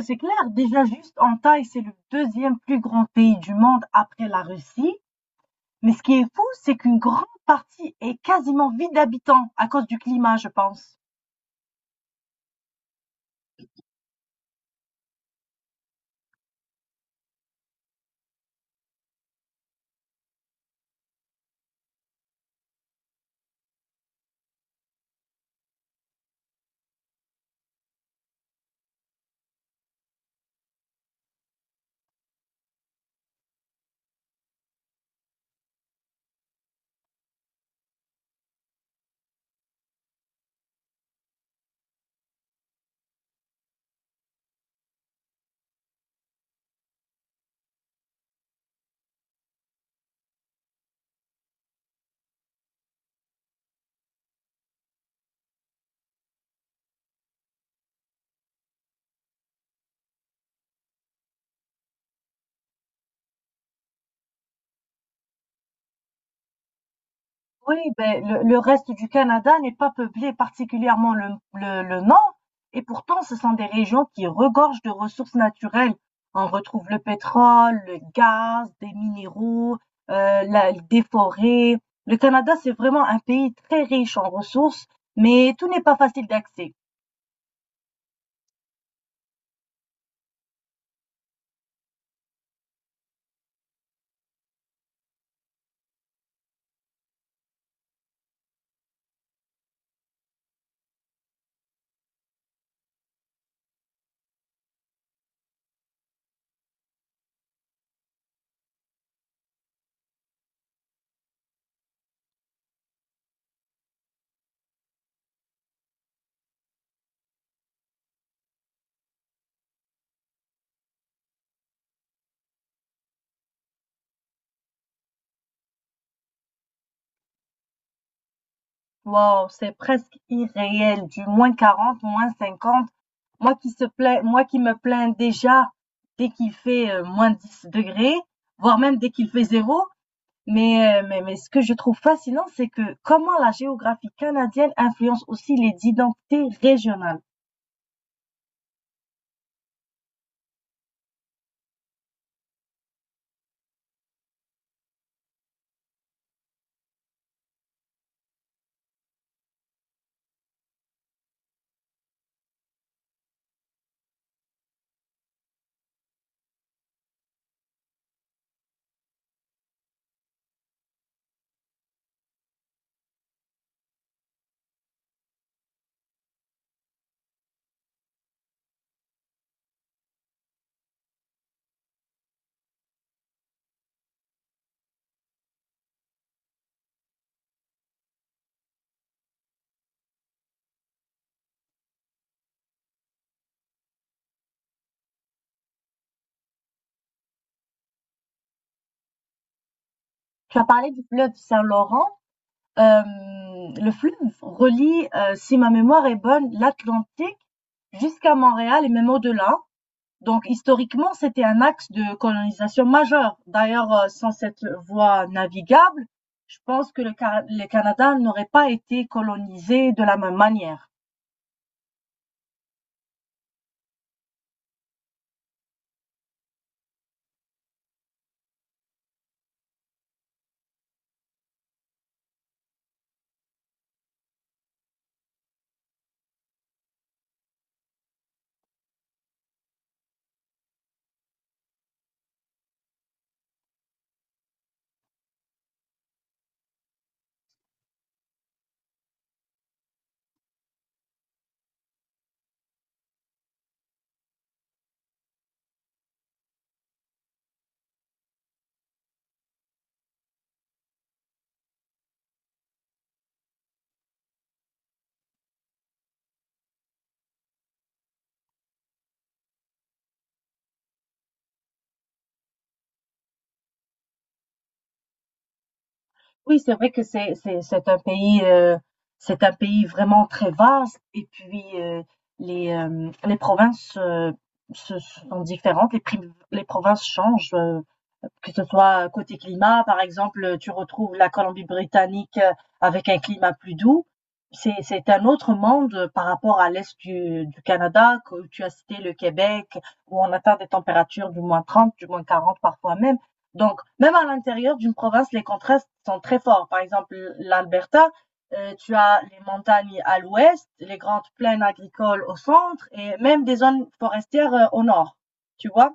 C'est clair, déjà juste en taille, c'est le deuxième plus grand pays du monde après la Russie. Mais ce qui est fou, c'est qu'une grande partie est quasiment vide d'habitants à cause du climat, je pense. Oui, ben, le reste du Canada n'est pas peuplé, particulièrement le nord, et pourtant ce sont des régions qui regorgent de ressources naturelles. On retrouve le pétrole, le gaz, des minéraux, des forêts. Le Canada, c'est vraiment un pays très riche en ressources, mais tout n'est pas facile d'accès. Wow, c'est presque irréel, du moins 40, moins 50. Moi qui se plains, moi qui me plains déjà dès qu'il fait moins 10 degrés, voire même dès qu'il fait zéro. Mais, ce que je trouve fascinant, c'est que comment la géographie canadienne influence aussi les identités régionales. Tu as parlé du fleuve Saint-Laurent. Euh, le fleuve relie, si ma mémoire est bonne, l'Atlantique jusqu'à Montréal et même au-delà. Donc historiquement, c'était un axe de colonisation majeur. D'ailleurs, sans cette voie navigable, je pense que le Canada n'aurait pas été colonisé de la même manière. Oui, c'est vrai que c'est un pays c'est un pays vraiment très vaste et puis les provinces sont différentes, les provinces changent que ce soit côté climat, par exemple, tu retrouves la Colombie-Britannique avec un climat plus doux. C'est un autre monde par rapport à l'est du Canada, que tu as cité le Québec, où on atteint des températures du moins 30, du moins 40 parfois même. Donc, même à l'intérieur d'une province, les contrastes sont très forts. Par exemple, l'Alberta, tu as les montagnes à l'ouest, les grandes plaines agricoles au centre et même des zones forestières au nord. Tu vois?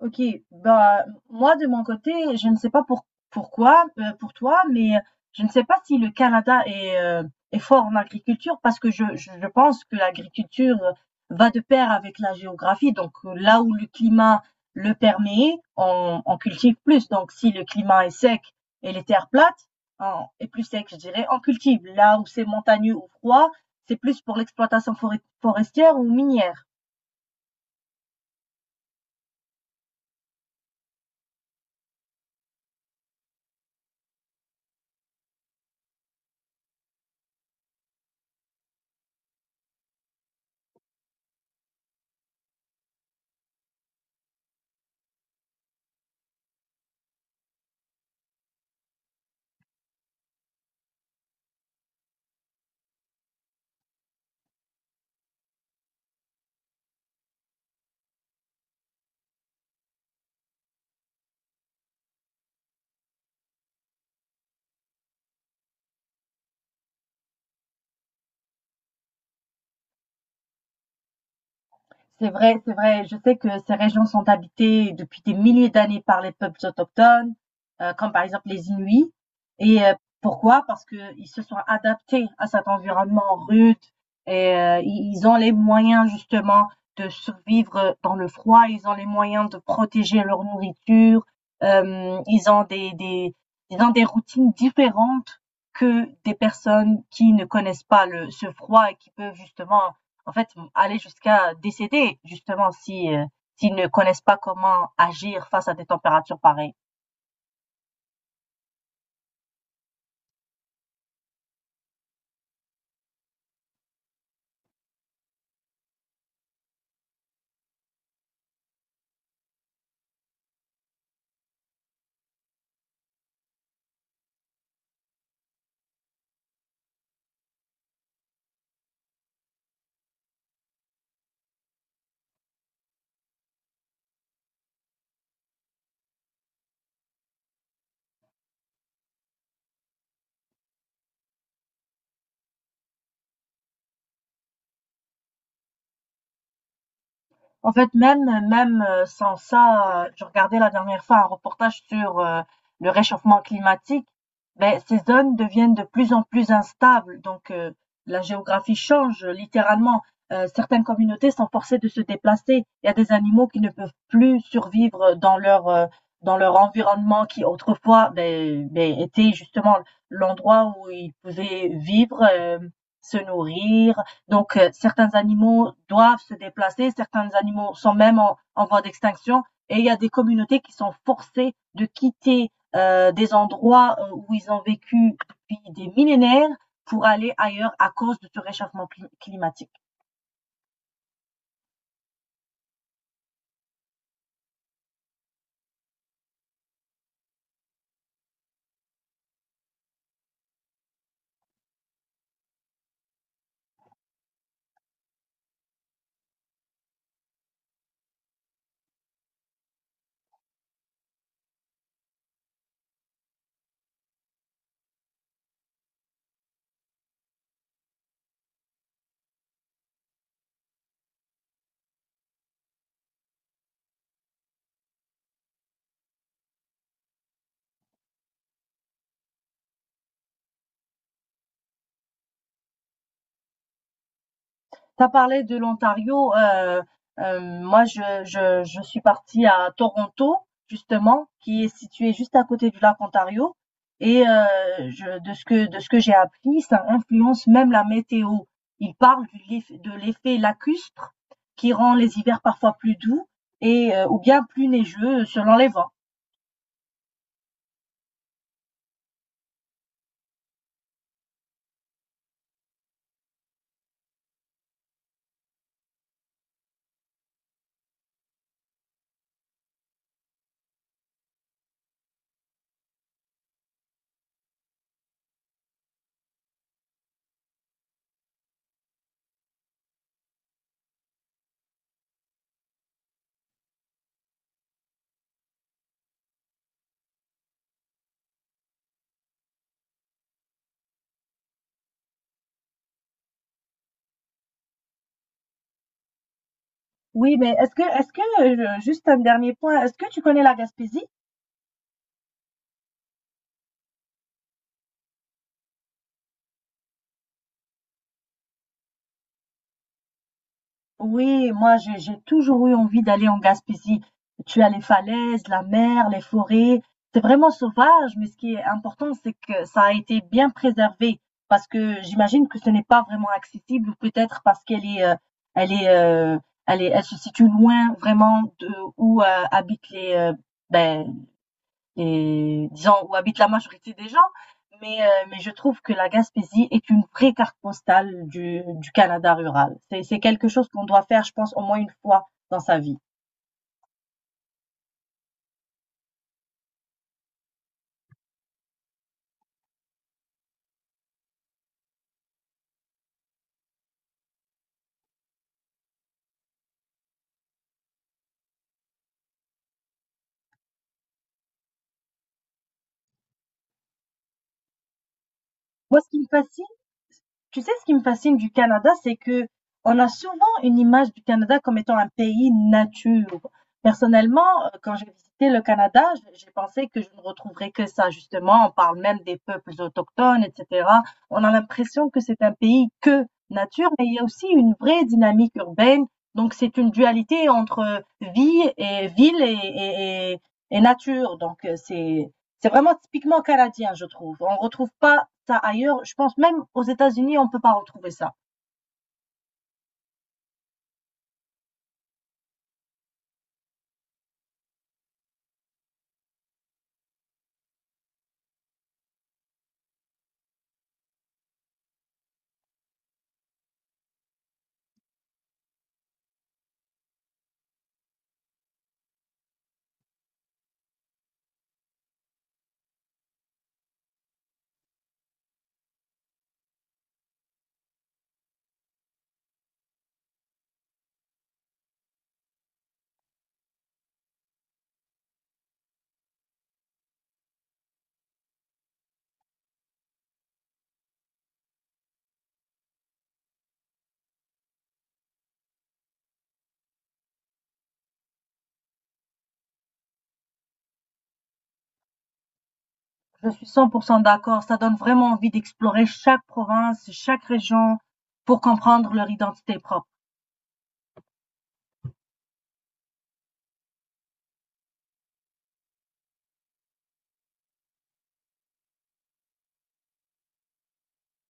OK, bah, moi de mon côté, je ne sais pas pourquoi, pour toi, mais je ne sais pas si le Canada est fort en agriculture parce que je pense que l'agriculture va de pair avec la géographie. Donc là où le climat le permet, on cultive plus. Donc si le climat est sec et les terres plates, on et plus sec, je dirais, on cultive. Là où c'est montagneux ou froid, c'est plus pour l'exploitation foré forestière ou minière. C'est vrai, c'est vrai. Je sais que ces régions sont habitées depuis des milliers d'années par les peuples autochtones, comme par exemple les Inuits. Et pourquoi? Parce qu'ils se sont adaptés à cet environnement rude et ils ont les moyens justement de survivre dans le froid, ils ont les moyens de protéger leur nourriture, ils ont des routines différentes que des personnes qui ne connaissent pas ce froid et qui peuvent justement en fait, aller jusqu'à décéder, justement, si, s'ils ne connaissent pas comment agir face à des températures pareilles. En fait, même, sans ça, je regardais la dernière fois un reportage sur, le réchauffement climatique. Beh, ces zones deviennent de plus en plus instables, donc la géographie change, littéralement. Certaines communautés sont forcées de se déplacer. Il y a des animaux qui ne peuvent plus survivre, dans leur environnement qui autrefois, beh, était justement l'endroit où ils pouvaient vivre, se nourrir donc, certains animaux doivent se déplacer, certains animaux sont même en voie d'extinction, et il y a des communautés qui sont forcées de quitter des endroits où ils ont vécu depuis des millénaires pour aller ailleurs à cause de ce réchauffement climatique. T'as parlé de l'Ontario. Moi, je suis partie à Toronto, justement, qui est situé juste à côté du lac Ontario. Et je, de ce que j'ai appris, ça influence même la météo. Il parle de l'effet lacustre qui rend les hivers parfois plus doux et ou bien plus neigeux selon les vents. Oui, mais est-ce que, juste un dernier point, est-ce que tu connais la Gaspésie? Oui, moi j'ai toujours eu envie d'aller en Gaspésie. Tu as les falaises, la mer, les forêts. C'est vraiment sauvage, mais ce qui est important, c'est que ça a été bien préservé. Parce que j'imagine que ce n'est pas vraiment accessible, ou peut-être parce qu'elle est, euh, elle se situe loin vraiment de où habitent les, ben, et disons où habite la majorité des gens. Mais, je trouve que la Gaspésie est une vraie carte postale du Canada rural. C'est quelque chose qu'on doit faire, je pense, au moins une fois dans sa vie. Moi, ce qui me fascine, Tu sais, ce qui me fascine du Canada, c'est que on a souvent une image du Canada comme étant un pays nature. Personnellement, quand j'ai visité le Canada, j'ai pensé que je ne retrouverais que ça, justement. On parle même des peuples autochtones, etc. On a l'impression que c'est un pays que nature, mais il y a aussi une vraie dynamique urbaine. Donc, c'est une dualité entre vie et ville et nature. Donc, c'est vraiment typiquement canadien, je trouve. On ne retrouve pas ça ailleurs. Je pense même aux États-Unis, on ne peut pas retrouver ça. Je suis 100% d'accord. Ça donne vraiment envie d'explorer chaque province, chaque région pour comprendre leur identité propre.